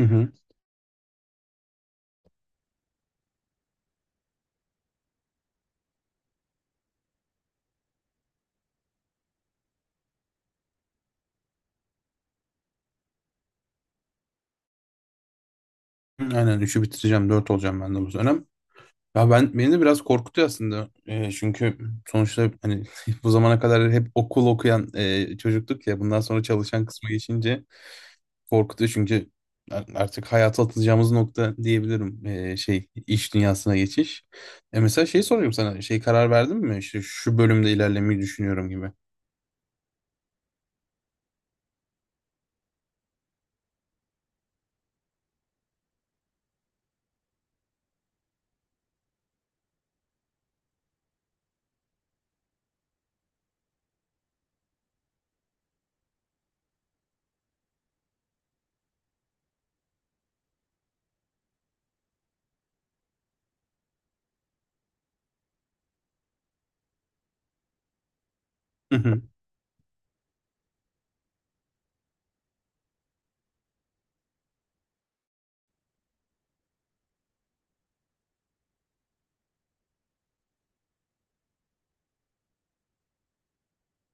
Hı hı. Hı, aynen 3'ü bitireceğim. Dört olacağım ben de bu dönem. Ya ben beni de biraz korkutuyor aslında. Çünkü sonuçta hani bu zamana kadar hep okul okuyan çocuktuk ya. Bundan sonra çalışan kısmı geçince korkutuyor çünkü artık hayata atılacağımız nokta diyebilirim. Şey iş dünyasına geçiş. E mesela şey soruyorum sana. Şey karar verdin mi? İşte şu bölümde ilerlemeyi düşünüyorum gibi.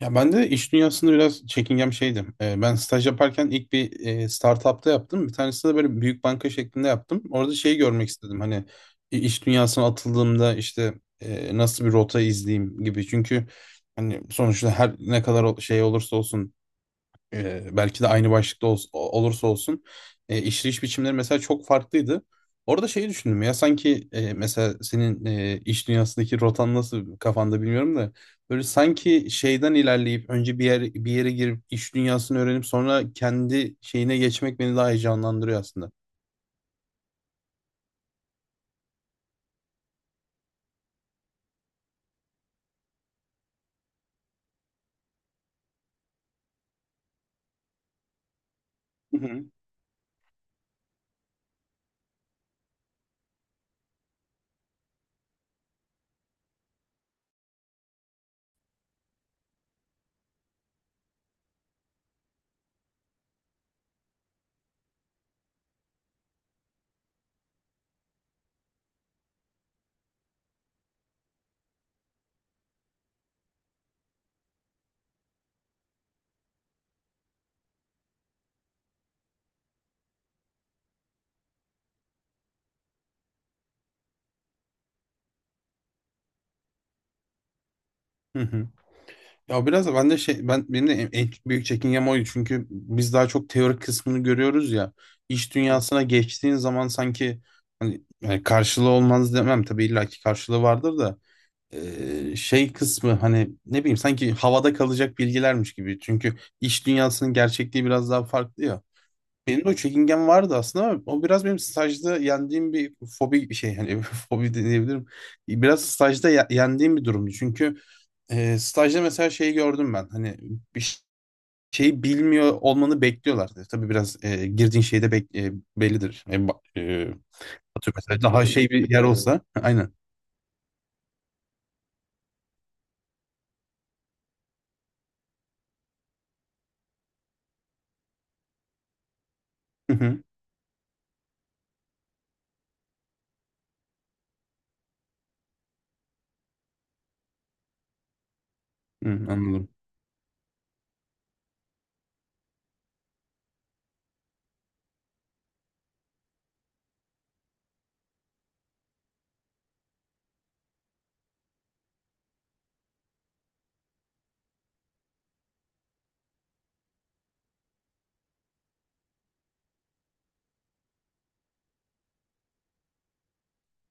Ya ben de iş dünyasında biraz çekingen bir şeydim. Ben staj yaparken ilk bir startup'ta yaptım. Bir tanesinde böyle büyük banka şeklinde yaptım. Orada şeyi görmek istedim. Hani iş dünyasına atıldığımda işte nasıl bir rota izleyeyim gibi. Çünkü hani sonuçta her ne kadar şey olursa olsun, belki de aynı başlıkta olursa olsun, işleyiş biçimleri mesela çok farklıydı. Orada şeyi düşündüm ya sanki, mesela senin iş dünyasındaki rotan nasıl kafanda bilmiyorum da böyle sanki şeyden ilerleyip önce bir yer bir yere girip iş dünyasını öğrenip sonra kendi şeyine geçmek beni daha heyecanlandırıyor aslında. Hı hı. Hı hı. Ya biraz da ben de şey, ben benim de en büyük çekingem oydu çünkü biz daha çok teorik kısmını görüyoruz ya, iş dünyasına geçtiğin zaman sanki hani yani karşılığı olmaz demem tabii illaki karşılığı vardır da şey kısmı hani ne bileyim sanki havada kalacak bilgilermiş gibi çünkü iş dünyasının gerçekliği biraz daha farklı ya. Benim de o çekingen vardı aslında ama o biraz benim stajda yendiğim bir fobi bir şey hani fobi diyebilirim. Biraz stajda yendiğim bir durumdu çünkü stajda mesela şeyi gördüm ben. Hani bir ş- şeyi bilmiyor olmanı bekliyorlardı. Tabii biraz, girdiğin şeyde bellidir. Atıyorum mesela daha şey bir yer olsa. Aynen. Hı hı. Hı, anladım.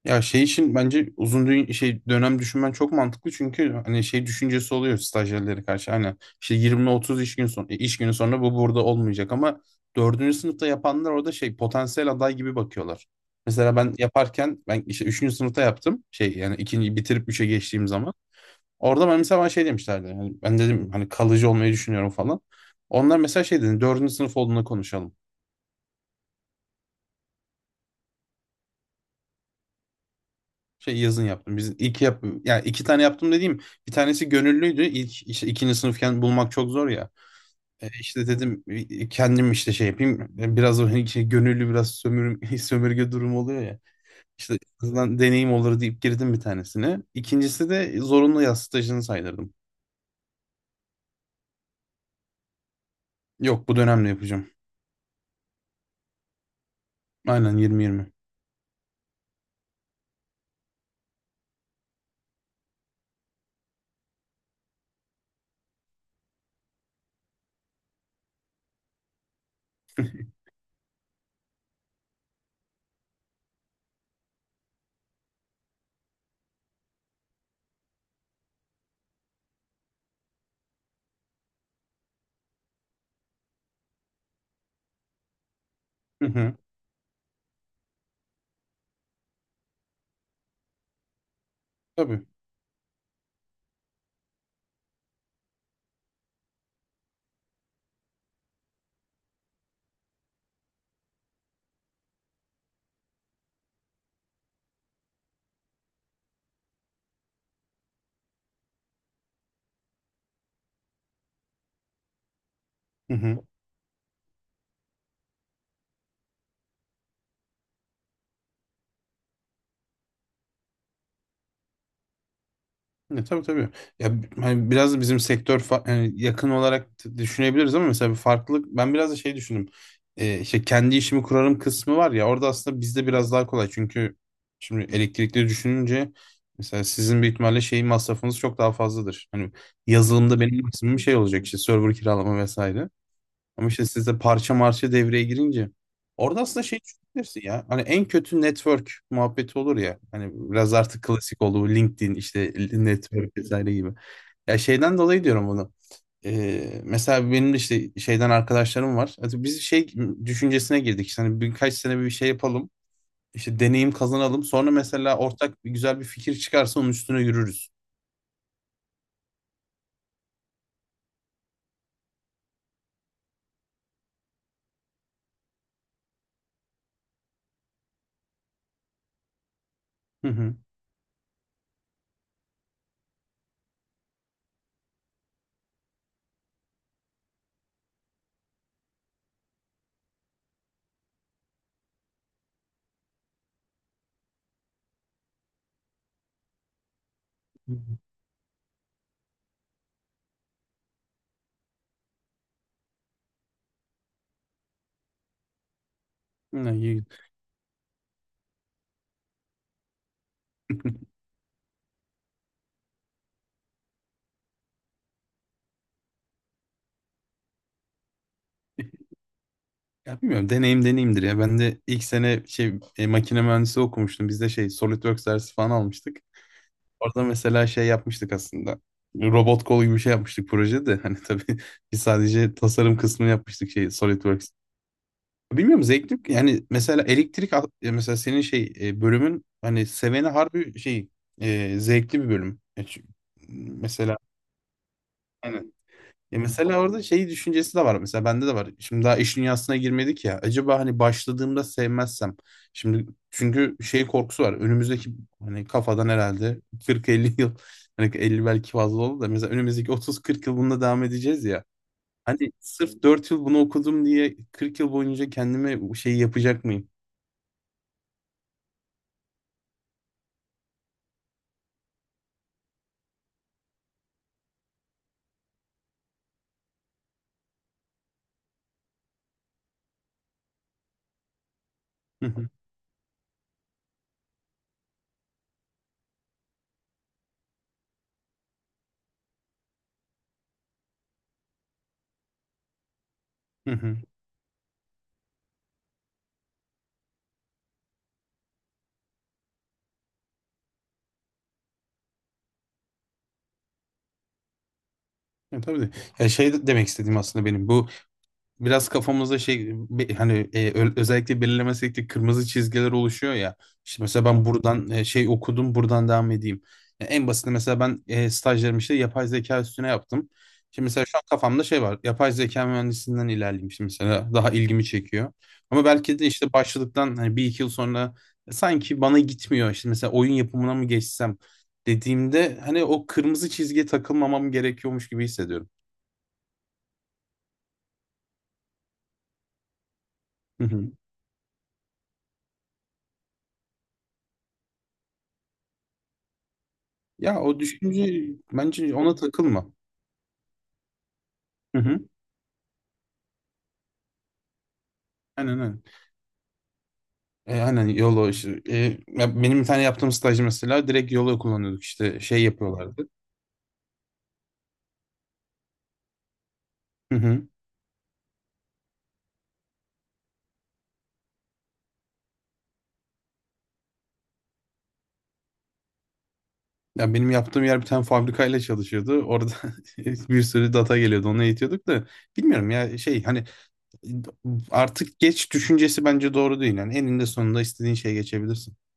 Ya şey için bence uzun şey dönem düşünmen çok mantıklı çünkü hani şey düşüncesi oluyor stajyerlere karşı hani işte 20-30 iş gün iş günü sonra bu burada olmayacak ama dördüncü sınıfta yapanlar orada şey potansiyel aday gibi bakıyorlar. Mesela ben yaparken ben işte üçüncü sınıfta yaptım şey, yani ikinci bitirip üçe geçtiğim zaman orada ben mesela bana şey demişlerdi, yani ben dedim hani kalıcı olmayı düşünüyorum falan. Onlar mesela şey dedi, dördüncü sınıf olduğunda konuşalım. Şey yazın yaptım. Biz ilk yap, yani iki tane yaptım dediğim, bir tanesi gönüllüydü. İlk işte ikinci sınıfken bulmak çok zor ya. İşte dedim, kendim işte şey yapayım. Biraz o hani şey, gönüllü biraz sömür, sömürge durumu oluyor ya. İşte en azından deneyim olur deyip girdim bir tanesine. İkincisi de zorunlu yaz stajını saydırdım. Yok, bu dönemde yapacağım. Aynen 20-20. Hı hı. Tabii. Hı hı. Ya, tabii tabii. Hani biraz da bizim sektör yani yakın olarak düşünebiliriz ama mesela bir farklılık ben biraz da şey düşündüm. İşte kendi işimi kurarım kısmı var ya, orada aslında bizde biraz daha kolay çünkü şimdi elektrikli düşününce, mesela sizin büyük ihtimalle şeyin masrafınız çok daha fazladır. Hani yazılımda benim maksimum şey olacak, işte server kiralama vesaire. Ama işte sizde parça marşı devreye girince orada aslında şey düşünürsün ya. Hani en kötü network muhabbeti olur ya. Hani biraz artık klasik oldu bu LinkedIn, işte network vesaire gibi. Ya şeyden dolayı diyorum bunu. Mesela benim de işte şeyden arkadaşlarım var. Hadi biz şey düşüncesine girdik. İşte hani birkaç sene bir şey yapalım. İşte deneyim kazanalım. Sonra mesela ortak bir güzel bir fikir çıkarsa onun üstüne yürürüz. Hı hı. Hı hı. Ne iyi. Ya bilmiyorum, deneyim deneyimdir ya. Ben de ilk sene şey, makine mühendisi okumuştum. Biz de şey SolidWorks dersi falan almıştık. Orada mesela şey yapmıştık aslında. Robot kol gibi bir şey yapmıştık projede. Hani tabii biz sadece tasarım kısmını yapmıştık, şey SolidWorks. Bilmiyorum, zevkli. Yani mesela ya mesela senin şey, bölümün hani seveni harbi şey, zevkli bir bölüm. E, çünkü mesela ya mesela orada şey düşüncesi de var. Mesela bende de var. Şimdi daha iş dünyasına girmedik ya. Acaba hani başladığımda sevmezsem. Şimdi çünkü şey korkusu var. Önümüzdeki hani kafadan herhalde 40-50 yıl. Hani 50 belki fazla oldu da. Mesela önümüzdeki 30-40 yıl bununla devam edeceğiz ya. Hani sırf 4 yıl bunu okudum diye 40 yıl boyunca kendime şey yapacak mıyım? Hı hı. Hı hı. Ya tabii de. Demek istediğim aslında benim bu biraz kafamızda hani, özellikle belirlemesek de kırmızı çizgiler oluşuyor ya. İşte mesela ben buradan, şey okudum buradan devam edeyim. Ya en basiti mesela ben, stajlarımı işte yapay zeka üstüne yaptım. Şimdi mesela şu an kafamda şey var. Yapay zeka mühendisinden ilerleyeyim işte, mesela daha ilgimi çekiyor. Ama belki de işte başladıktan hani 1-2 yıl sonra sanki bana gitmiyor. İşte mesela oyun yapımına mı geçsem dediğimde hani o kırmızı çizgiye takılmamam gerekiyormuş gibi hissediyorum. Ya o düşünce, bence ona takılma. Hı hı. Aynen aynen. Aynen YOLO işte. Ya benim bir tane yaptığım staj mesela direkt YOLO kullanıyorduk, işte şey yapıyorlardı. Hı hı. Ya benim yaptığım yer bir tane fabrikayla çalışıyordu. Orada bir sürü data geliyordu, onu eğitiyorduk da bilmiyorum ya şey hani artık geç düşüncesi bence doğru değil. Yani eninde sonunda istediğin şeye geçebilirsin.